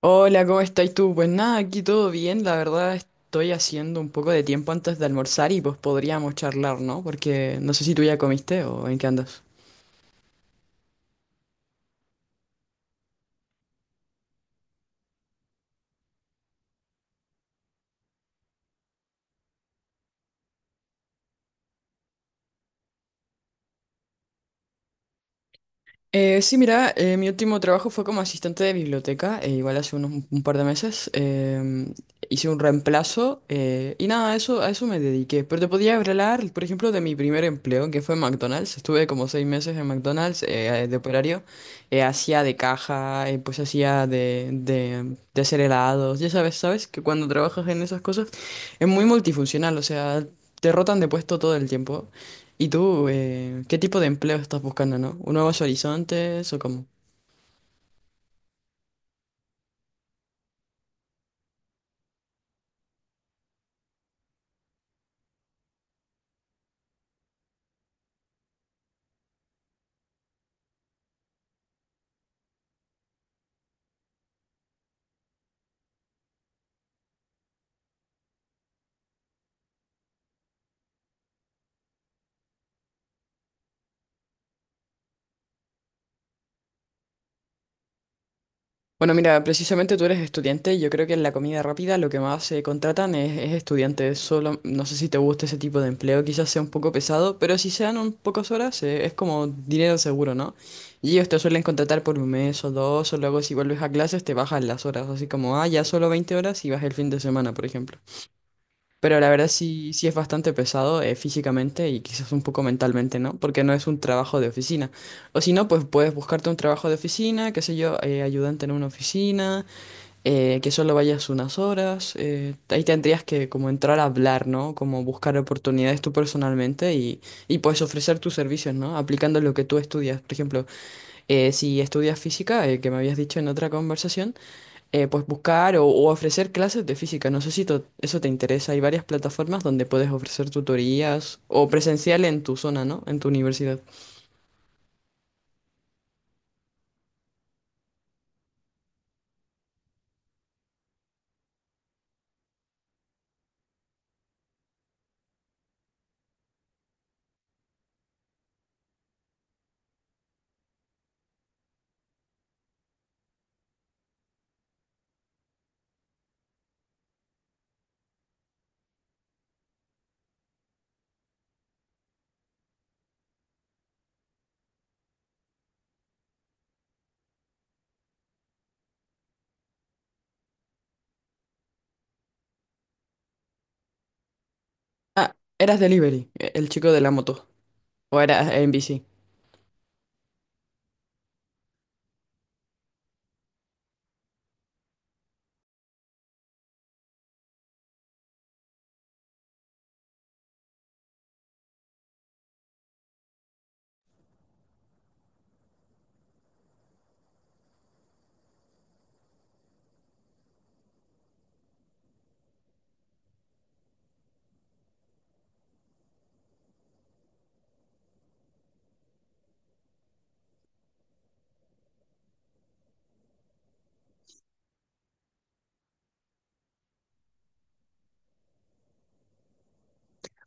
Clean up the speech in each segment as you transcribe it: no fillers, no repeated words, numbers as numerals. Hola, ¿cómo estás tú? Pues nada, aquí todo bien. La verdad estoy haciendo un poco de tiempo antes de almorzar y pues podríamos charlar, ¿no? Porque no sé si tú ya comiste o en qué andas. Sí, mira, mi último trabajo fue como asistente de biblioteca, igual hace unos un par de meses. Hice un reemplazo y nada, a eso me dediqué. Pero te podía hablar, por ejemplo, de mi primer empleo, que fue en McDonald's. Estuve como 6 meses en McDonald's de operario. Hacía de caja, pues hacía de hacer helados. Ya sabes, sabes que cuando trabajas en esas cosas es muy multifuncional, o sea, te rotan de puesto todo el tiempo. ¿Y tú, qué tipo de empleo estás buscando, no? ¿Un nuevos horizontes o cómo? Bueno, mira, precisamente tú eres estudiante. Yo creo que en la comida rápida lo que más se contratan es estudiantes. Solo, no sé si te gusta ese tipo de empleo, quizás sea un poco pesado, pero si se dan un pocas horas, es como dinero seguro, ¿no? Y ellos te suelen contratar por un mes o dos, o luego si vuelves a clases te bajan las horas, así como, ah, ya solo 20 horas y vas el fin de semana, por ejemplo. Pero la verdad sí es bastante pesado físicamente y quizás un poco mentalmente, ¿no? Porque no es un trabajo de oficina. O si no, pues puedes buscarte un trabajo de oficina, qué sé yo, ayudante en una oficina, que solo vayas unas horas. Ahí tendrías que como entrar a hablar, ¿no? Como buscar oportunidades tú personalmente y puedes ofrecer tus servicios, ¿no? Aplicando lo que tú estudias. Por ejemplo, si estudias física, que me habías dicho en otra conversación pues buscar o ofrecer clases de física. No sé si eso te interesa. Hay varias plataformas donde puedes ofrecer tutorías o presencial en tu zona, ¿no? En tu universidad. Ah, eras delivery, el chico de la moto. O eras en bici.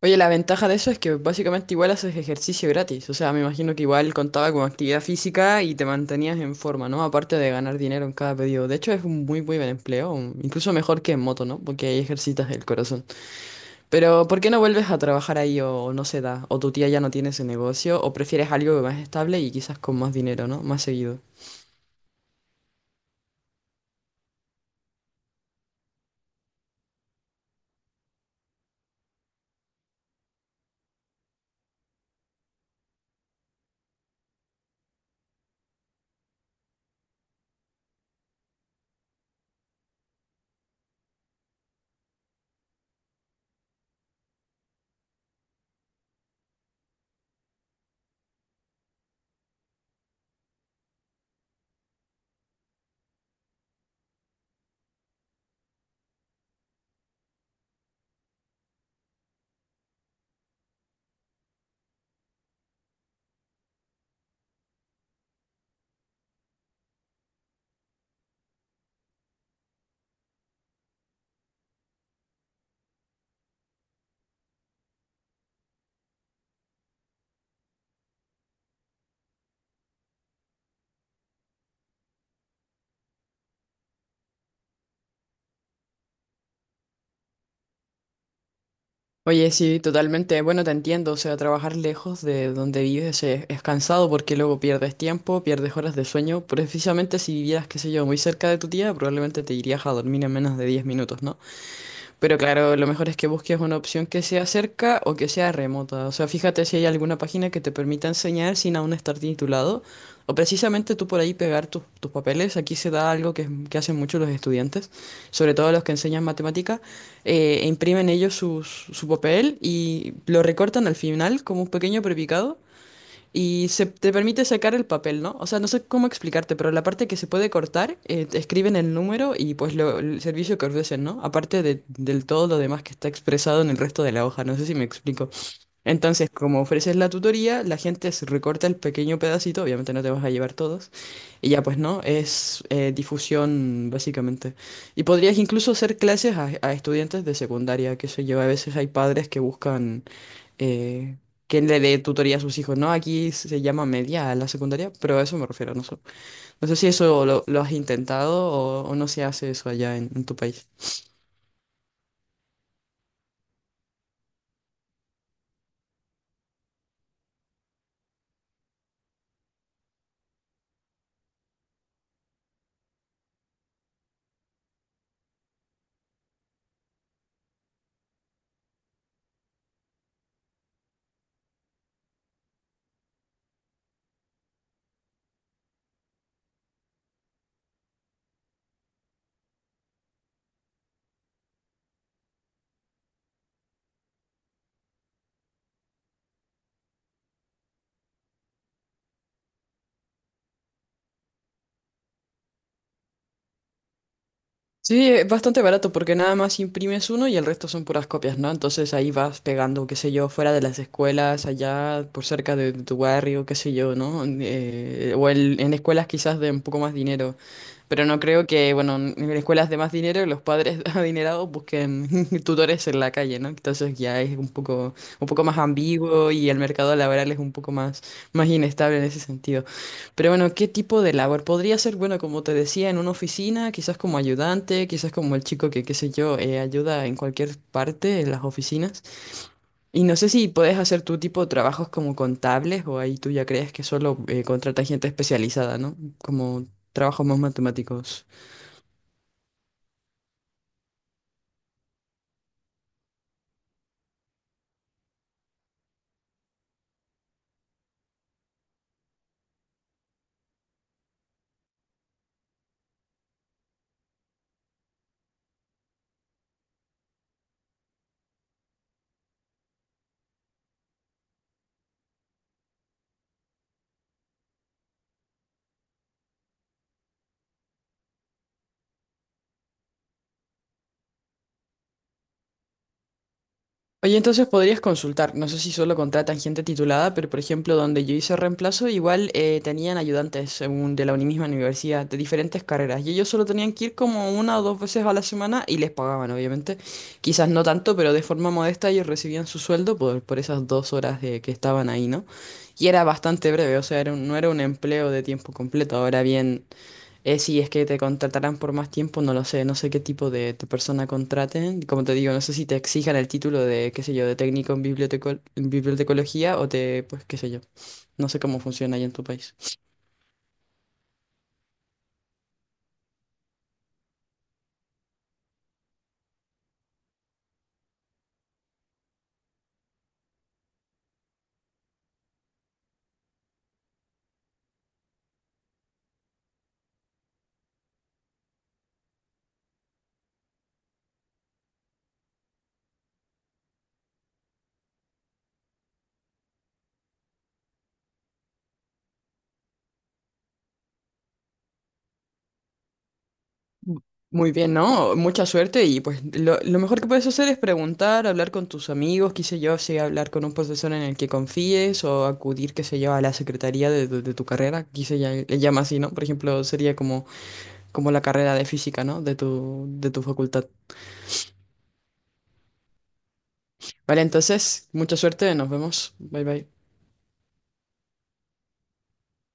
Oye, la ventaja de eso es que básicamente igual haces ejercicio gratis. O sea, me imagino que igual contaba con actividad física y te mantenías en forma, ¿no? Aparte de ganar dinero en cada pedido. De hecho, es un muy, muy buen empleo. Incluso mejor que en moto, ¿no? Porque ahí ejercitas el corazón. Pero, ¿por qué no vuelves a trabajar ahí o no se da? ¿O tu tía ya no tiene ese negocio? ¿O prefieres algo más estable y quizás con más dinero, ¿no? Más seguido. Oye, sí, totalmente. Bueno, te entiendo. O sea, trabajar lejos de donde vives es cansado porque luego pierdes tiempo, pierdes horas de sueño. Precisamente si vivieras, qué sé yo, muy cerca de tu tía, probablemente te irías a dormir en menos de 10 minutos, ¿no? Pero claro, lo mejor es que busques una opción que sea cerca o que sea remota. O sea, fíjate si hay alguna página que te permita enseñar sin aún estar titulado. O precisamente tú por ahí pegar tus papeles. Aquí se da algo que, que hacen muchos los estudiantes, sobre todo los que enseñan matemática. E imprimen ellos su papel y lo recortan al final como un pequeño prepicado y se te permite sacar el papel, ¿no? O sea, no sé cómo explicarte, pero la parte que se puede cortar, te escriben el número y pues el servicio que ofrecen, ¿no? Aparte del todo lo demás que está expresado en el resto de la hoja, no sé si me explico. Entonces, como ofreces la tutoría, la gente se recorta el pequeño pedacito, obviamente no te vas a llevar todos, y ya pues no, es difusión básicamente. Y podrías incluso hacer clases a estudiantes de secundaria, que sé yo, a veces hay padres que buscan eh, que le dé tutoría a sus hijos, ¿no? Aquí se llama media a la secundaria, pero a eso me refiero, no sé si eso lo has intentado o no se hace eso allá en tu país. Sí, es bastante barato porque nada más imprimes uno y el resto son puras copias, ¿no? Entonces ahí vas pegando, qué sé yo, fuera de las escuelas, allá por cerca de tu barrio, qué sé yo, ¿no? O en escuelas quizás de un poco más dinero. Pero no creo que, bueno, en escuelas de más dinero los padres adinerados busquen tutores en la calle, ¿no? Entonces ya es un poco más ambiguo y el mercado laboral es un poco más, más inestable en ese sentido. Pero bueno, ¿qué tipo de labor? Podría ser, bueno, como te decía, en una oficina, quizás como ayudante, quizás como el chico que, qué sé yo, ayuda en cualquier parte, en las oficinas. Y no sé si puedes hacer tu tipo de trabajos como contables o ahí tú ya crees que solo contratas gente especializada, ¿no? Como trabajos más matemáticos. Oye, entonces podrías consultar, no sé si solo contratan gente titulada, pero por ejemplo donde yo hice reemplazo, igual tenían ayudantes según de la misma universidad, de diferentes carreras, y ellos solo tenían que ir como una o dos veces a la semana y les pagaban, obviamente. Quizás no tanto, pero de forma modesta ellos recibían su sueldo por esas 2 horas de, que estaban ahí, ¿no? Y era bastante breve, o sea, era no era un empleo de tiempo completo. Ahora bien, si es que te contratarán por más tiempo, no lo sé, no sé qué tipo de persona contraten. Como te digo, no sé si te exijan el título de, qué sé yo, de técnico en en bibliotecología o te, pues, qué sé yo. No sé cómo funciona ahí en tu país. Muy bien, ¿no? Mucha suerte y pues lo mejor que puedes hacer es preguntar, hablar con tus amigos, qué sé yo, si hablar con un profesor en el que confíes o acudir, qué sé yo, a la secretaría de tu carrera, aquí se le llama así, ¿no? Por ejemplo, sería como, como la carrera de física, ¿no? De de tu facultad. Vale, entonces, mucha suerte, nos vemos. Bye bye.